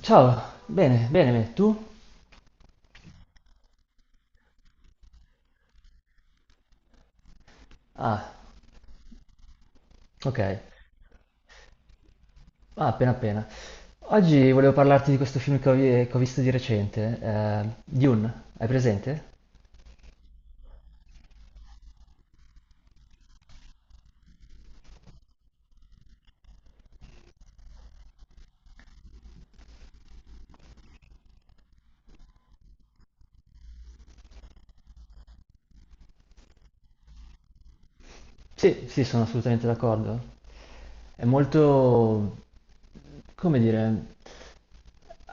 Ciao, bene, bene, bene. Tu? Ah, ok. Ah, appena appena. Oggi volevo parlarti di questo film che che ho visto di recente, Dune, hai presente? Sì, sì, sono assolutamente d'accordo. È molto... come dire...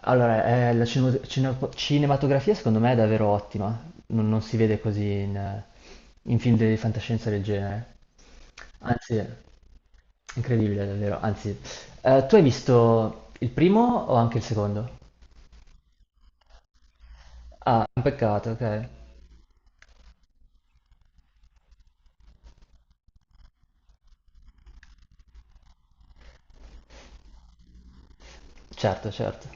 Allora, la cinematografia secondo me è davvero ottima, non si vede così in film di fantascienza del genere. Anzi... Incredibile davvero, anzi, tu hai visto il primo o anche il secondo? Ah, un peccato, ok. Certo, certo.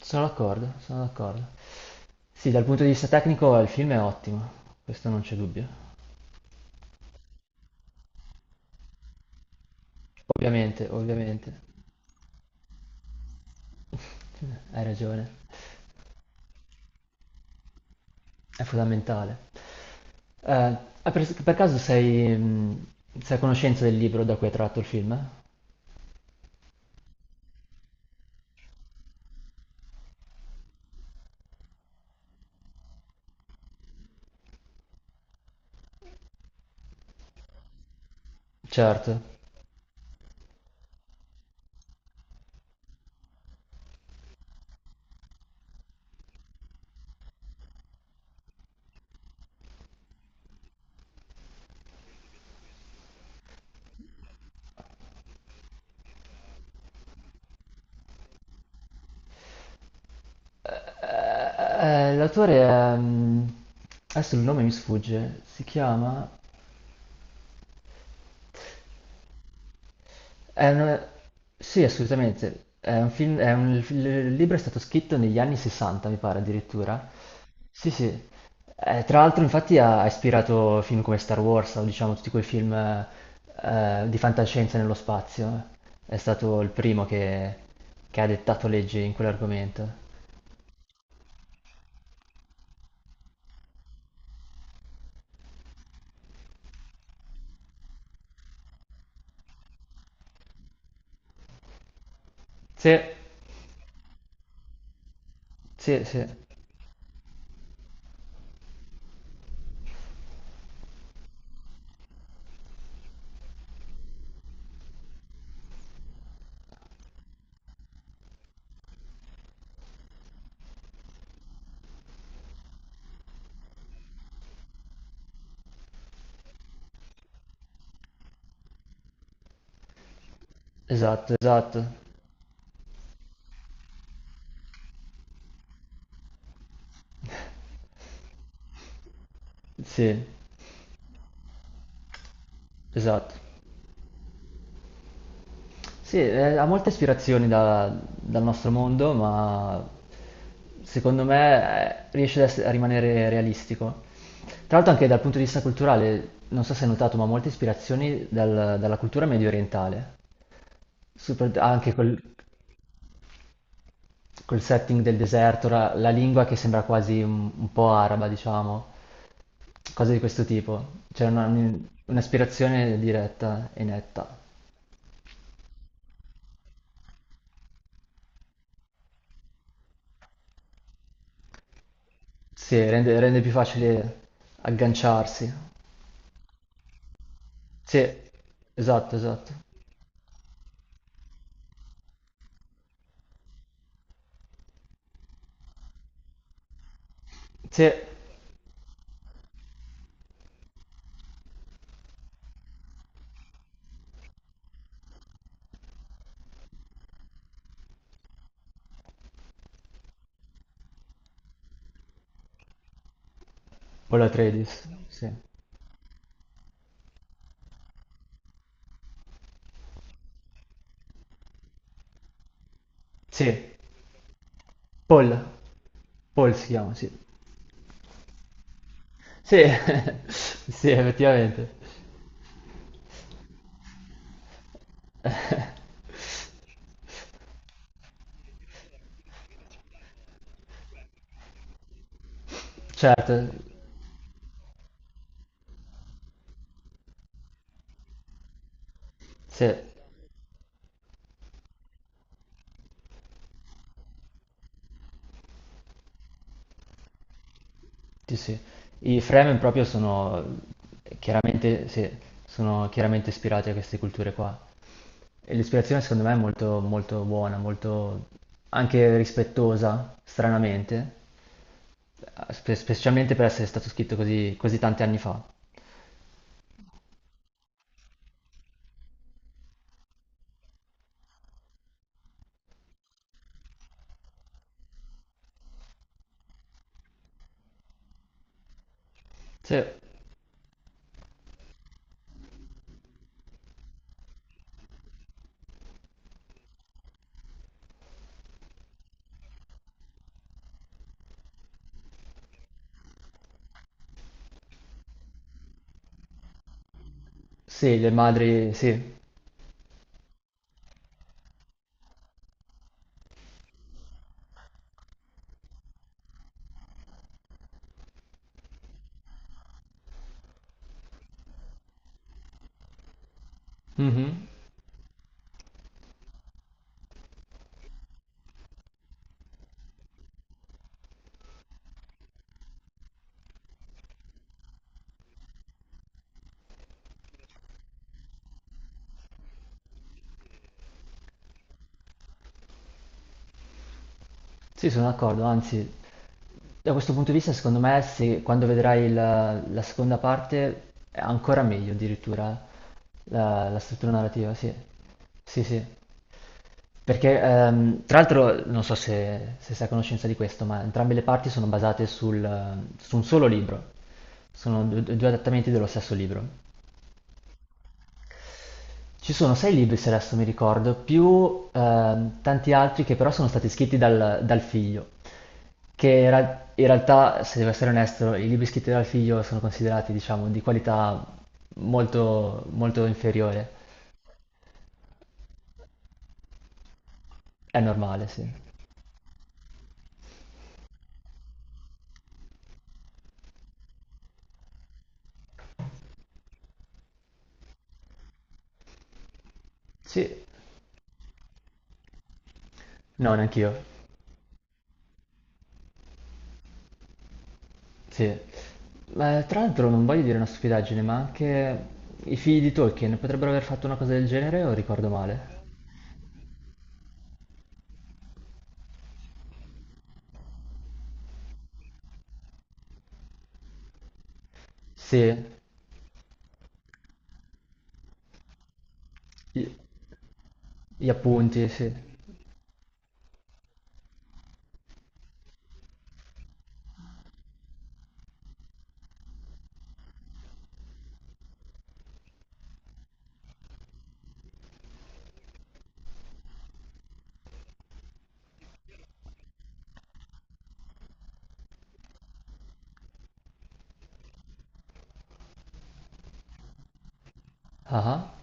Sono d'accordo, sono d'accordo. Sì, dal punto di vista tecnico il film è ottimo, questo non c'è dubbio. Ovviamente, ovviamente, hai ragione, è fondamentale. Per caso sei a conoscenza del libro da cui è tratto il film? Certo. L'autore è... adesso il nome mi sfugge, si chiama... È un- Sì, assolutamente. È un film- è un- Il libro è stato scritto negli anni 60, mi pare addirittura. Sì, sì. Tra l'altro, infatti, ha ispirato film come Star Wars o diciamo tutti quei film di fantascienza nello spazio. È stato il primo che ha dettato leggi in quell'argomento. Sì, sì, sì. Esatto, esatto. Sì, esatto. Sì, ha molte ispirazioni dal nostro mondo, ma secondo me riesce a rimanere realistico. Tra l'altro anche dal punto di vista culturale, non so se hai notato, ma molte ispirazioni dalla cultura medio orientale, Super- anche col, col setting del deserto, la lingua che sembra quasi un po' araba, diciamo, cose di questo tipo. Un'ispirazione diretta e netta. Sì, rende più facile agganciarsi. Sì, esatto, esatto. Sì, Paul Atreides, sì. Sì, Paul, Paul si chiama, sì. Sì, sì, effettivamente. Certo, sì, sì, sì. I Fremen proprio sono chiaramente, sì, sono chiaramente ispirati a queste culture qua. E l'ispirazione secondo me è molto, molto buona, molto anche rispettosa, stranamente, specialmente per essere stato scritto così, così tanti anni fa. Sì. Sì, le madri, sì. Mhm. Sì, sono d'accordo, anzi, da questo punto di vista, secondo me, se quando vedrai la seconda parte è ancora meglio addirittura la struttura narrativa, sì. Sì, sì. Perché, tra l'altro, non so se sei a conoscenza di questo, ma entrambe le parti sono basate su un solo libro. Sono due adattamenti dello stesso libro. Ci sono sei libri se adesso mi ricordo, più tanti altri che però sono stati scritti dal figlio, che in realtà, se devo essere onesto, i libri scritti dal figlio sono considerati, diciamo, di qualità molto, molto inferiore. È normale, sì. Sì, no, neanch'io. Sì. Ma, tra l'altro non voglio dire una stupidaggine, ma anche i figli di Tolkien potrebbero aver fatto una cosa del genere o ricordo male? Sì, gli, gli appunti, sì. Ah, ah,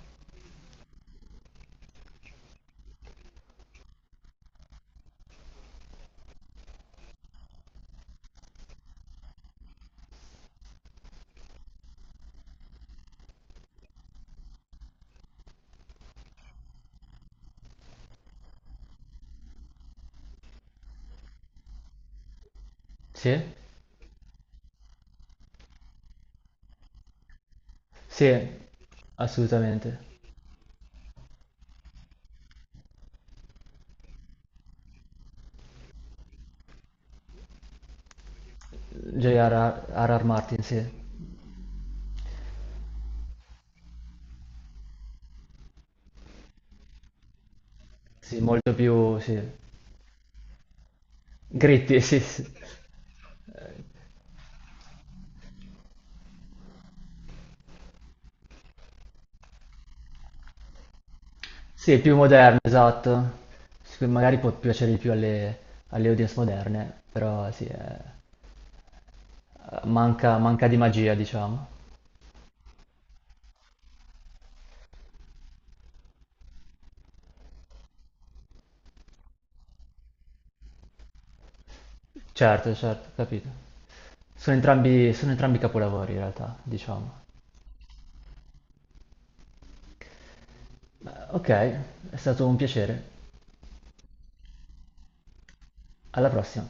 sì. Sì, assolutamente. J.R.R. R. R. Martin, sì. Sì, molto più, sì. Gritty, sì, sì. Sì, più moderno, esatto. Sì, magari può piacere di più alle audience moderne, però sì, manca, manca di magia, diciamo. Certo, certo, capito. Sono entrambi capolavori in realtà, diciamo. Ma, ok, è stato un piacere. Alla prossima.